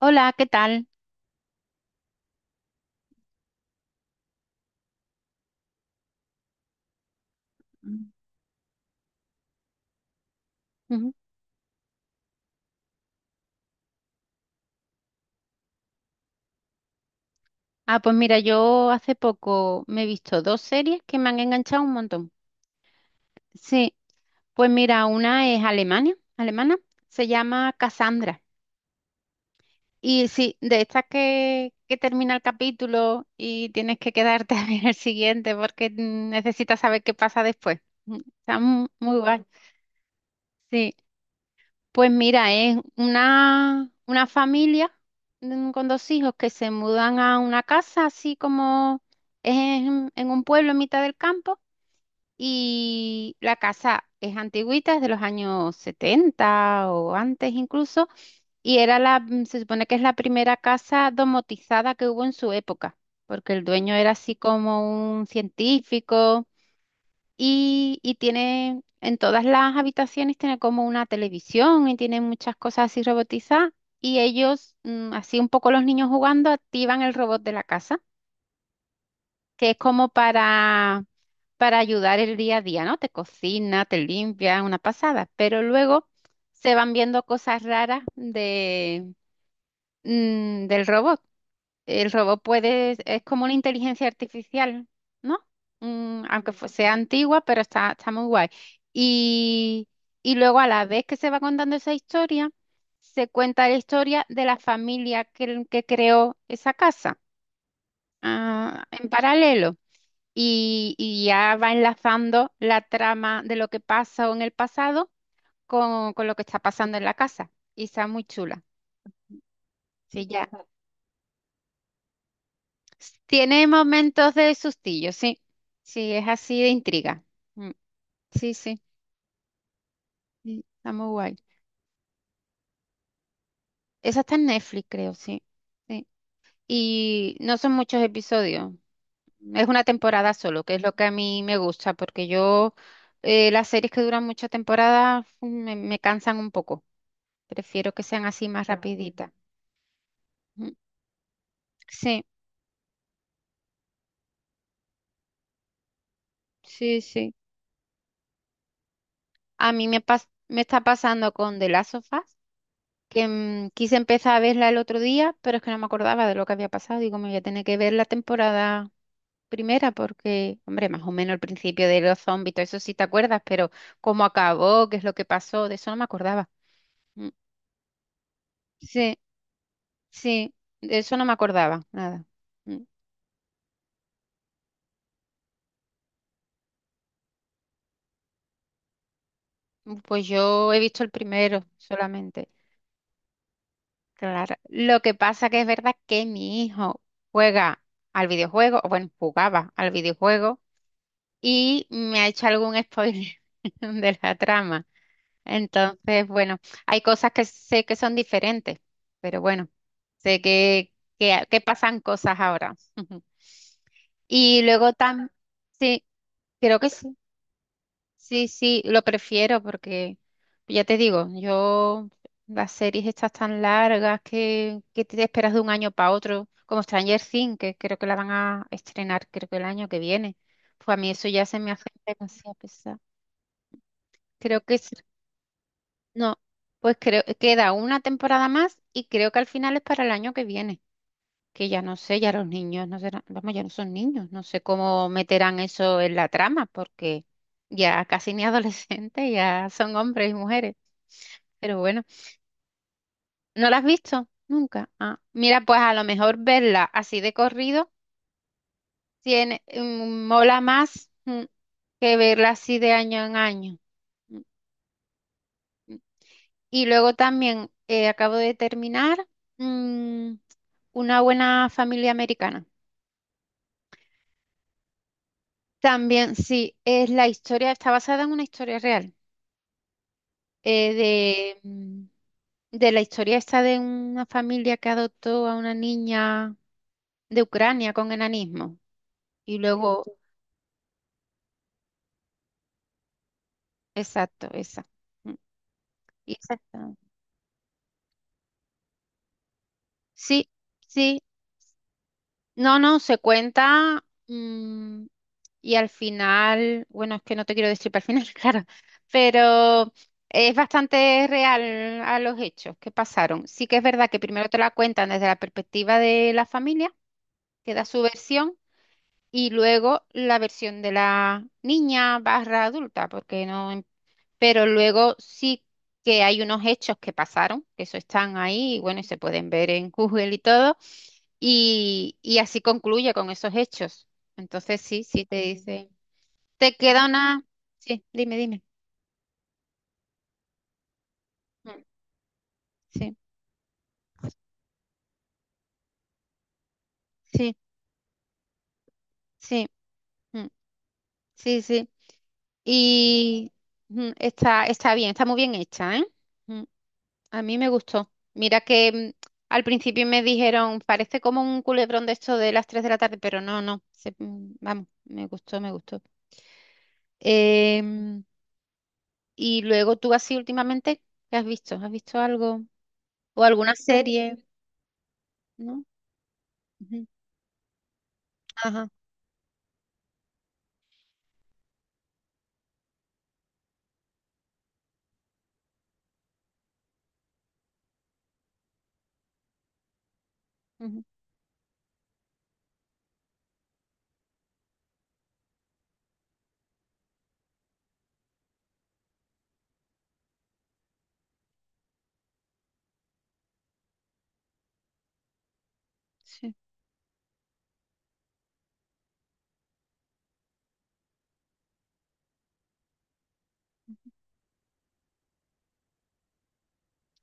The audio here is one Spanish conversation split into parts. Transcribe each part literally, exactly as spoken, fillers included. Hola, ¿qué tal? Mm, ujú. Ah, pues mira, yo hace poco me he visto dos series que me han enganchado un montón. Sí, pues mira, una es Alemania, alemana, se llama Cassandra. Y sí, de estas que, que termina el capítulo y tienes que quedarte a ver el siguiente porque mm, necesitas saber qué pasa después. Mm, Está mu- muy guay. Sí, pues mira, es una, una familia mm, con dos hijos que se mudan a una casa, así como es en, en un pueblo en mitad del campo, y la casa es antigüita, es de los años setenta o antes incluso, y era la, mm, se supone que es la primera casa domotizada que hubo en su época, porque el dueño era así como un científico y, y tiene en todas las habitaciones, tiene como una televisión y tiene muchas cosas así robotizadas. Y ellos, mm, así un poco los niños jugando, activan el robot de la casa, que es como para, para ayudar el día a día, ¿no? Te cocina, te limpia, una pasada. Pero luego se van viendo cosas raras de, mm, del robot. El robot puede, es como una inteligencia artificial, ¿no? Mm, aunque fu- sea antigua, pero está, está muy guay. Y, y luego a la vez que se va contando esa historia, se cuenta la historia de la familia que, que creó esa casa, ah, en paralelo. Y, y ya va enlazando la trama de lo que pasó en el pasado con, con lo que está pasando en la casa. Y está muy chula. Sí, ya. Tiene momentos de sustillo, sí. Sí, es así de intriga. Mm, sí, sí, sí, está muy guay. Esa está en Netflix, creo, sí. Sí. Y no son muchos episodios. Es una temporada solo, que es lo que a mí me gusta, porque yo eh, las series que duran muchas temporadas mm, me, me cansan un poco. Prefiero que sean así más Ah, rapiditas. Mm, sí, sí, sí. A mí me pas- me está pasando con The Last of Us, que mm, quise empezar a verla el otro día, pero es que no me acordaba de lo que había pasado. Digo, me voy a tener que ver la temporada primera porque, hombre, más o menos el principio de los zombies, todo eso sí te acuerdas, pero cómo acabó, qué es lo que pasó, de eso no me acordaba. Mm, sí, sí, de eso no me acordaba, nada. Mm, pues yo he visto el primero solamente. Claro, lo que pasa que es verdad que mi hijo juega al videojuego, o bueno, jugaba al videojuego y me ha hecho algún spoiler de la trama. Entonces, bueno, hay cosas que sé que son diferentes, pero bueno, sé que, que, que pasan cosas ahora. Y luego también, sí, creo que sí, sí, sí, lo prefiero porque, ya te digo, yo, las series estas tan largas que, que te esperas de un año para otro, como Stranger Things, que creo que la van a estrenar, creo que el año que viene, pues a mí eso ya se me hace demasiado pesado. Creo que es, no, pues creo queda una temporada más y creo que al final es para el año que viene, que ya no sé, ya los niños no serán, vamos, ya no son niños, no sé cómo meterán eso en la trama porque ya casi ni adolescentes, ya son hombres y mujeres, pero bueno, ¿no la has visto? Nunca. Ah, mira, pues a lo mejor verla así de corrido tiene, mm, mola más, mm, que verla así de año en año. mm, Y luego también eh, acabo de terminar mm, Una buena familia americana. También, sí, es la historia, está basada en una historia real, eh, de, mm, de la historia esta de una familia que adoptó a una niña de Ucrania con enanismo. Y luego, exacto, esa. Mm, y esa está- Sí, sí, no, no, se cuenta mm, y al final, bueno, es que no te quiero destripar al final, claro, pero es bastante real a los hechos que pasaron. Sí que es verdad que primero te la cuentan desde la perspectiva de la familia, que da su versión, y luego la versión de la niña barra adulta, porque no, pero luego sí que hay unos hechos que pasaron, que eso están ahí, y bueno, y se pueden ver en Google y todo, y, y así concluye con esos hechos. Entonces sí, sí te dice, te queda una... Sí, dime, dime. Mm, sí, sí, sí, mm, sí, sí. Y mm, está, está bien, está muy bien hecha, ¿eh? Mm. A mí me gustó. Mira que, mm, al principio me dijeron, parece como un culebrón de esto de las tres de la tarde, pero no, no se- mm, vamos, me gustó, me gustó. Em, y luego tú así últimamente, ¿qué has visto? ¿Has visto algo? ¿O alguna serie? ¿No? Ujú. Ajá. Ujú, sí.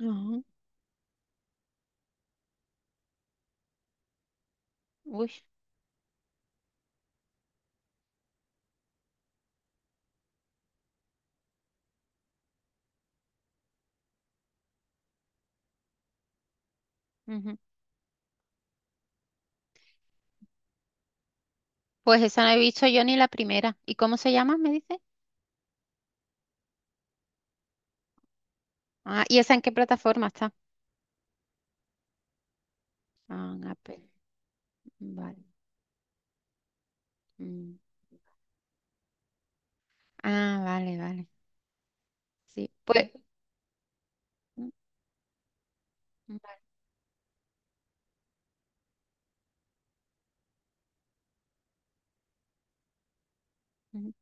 Ajá. Uy. Ujú. Pues esa no he visto yo ni la primera. ¿Y cómo se llama, me dice? Ah, ¿y esa en qué plataforma está? Ah, en Apple. Vale. Mm. Ah, vale, vale. Sí. Pues. mm, vale. Ujú,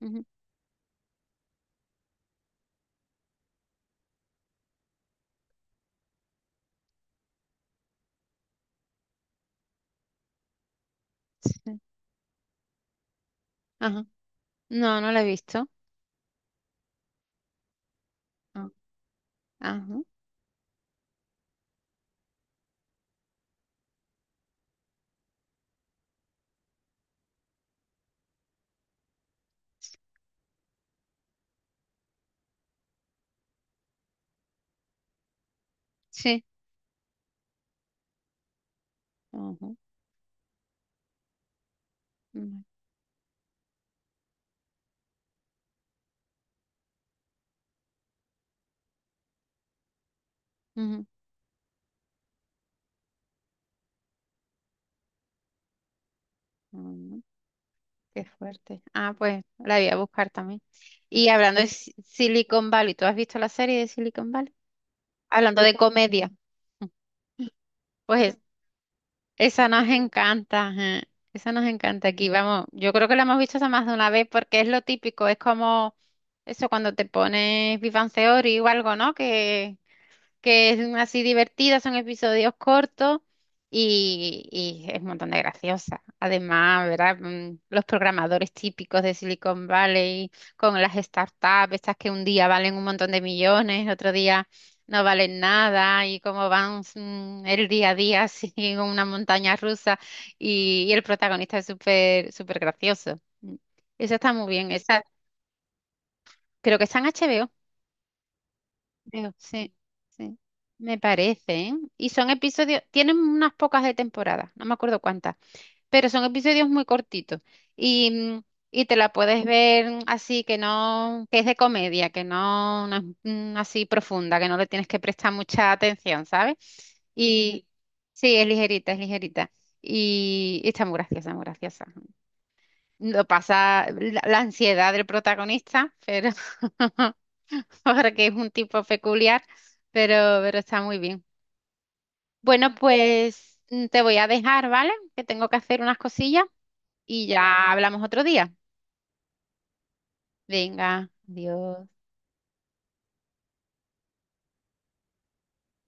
ujú, sí. Ajá. No, no la he visto. Ah, ajá. Sí. Ajá. Ujú, ujú. Mm, qué fuerte. Ah, pues la voy a buscar también. Y hablando de Si- Silicon Valley, ¿tú has visto la serie de Silicon Valley? Hablando de comedia. Mm, pues esa nos encanta, ajá. Esa nos encanta aquí, vamos, yo creo que la hemos visto hasta más de una vez porque es lo típico, es como eso cuando te pones Big Bang Theory o algo, ¿no? Que, que es así divertida, son episodios cortos y, y es un montón de graciosa. Además, ¿verdad? Mm, los programadores típicos de Silicon Valley con las startups, estas que un día valen un montón de millones, otro día no valen nada y cómo van, mm, el día a día así en una montaña rusa y, y el protagonista es súper súper gracioso. Mm. Esa está muy bien, esa creo que está en H B O. Creo, sí, sí. Me parece, ¿eh? Y son episodios, tienen unas pocas de temporada, no me acuerdo cuántas, pero son episodios muy cortitos. Y, mm, y te la puedes ver así, que no, que es de comedia, que no, no es, mm, así profunda, que no le tienes que prestar mucha atención, ¿sabes? Y sí, es ligerita, es ligerita. Y, y está muy graciosa, muy graciosa. Lo pasa la, la ansiedad del protagonista, pero porque es un tipo peculiar, pero, pero está muy bien. Bueno, pues, mm, te voy a dejar, ¿vale? Que tengo que hacer unas cosillas y ya hablamos otro día. Venga, adiós.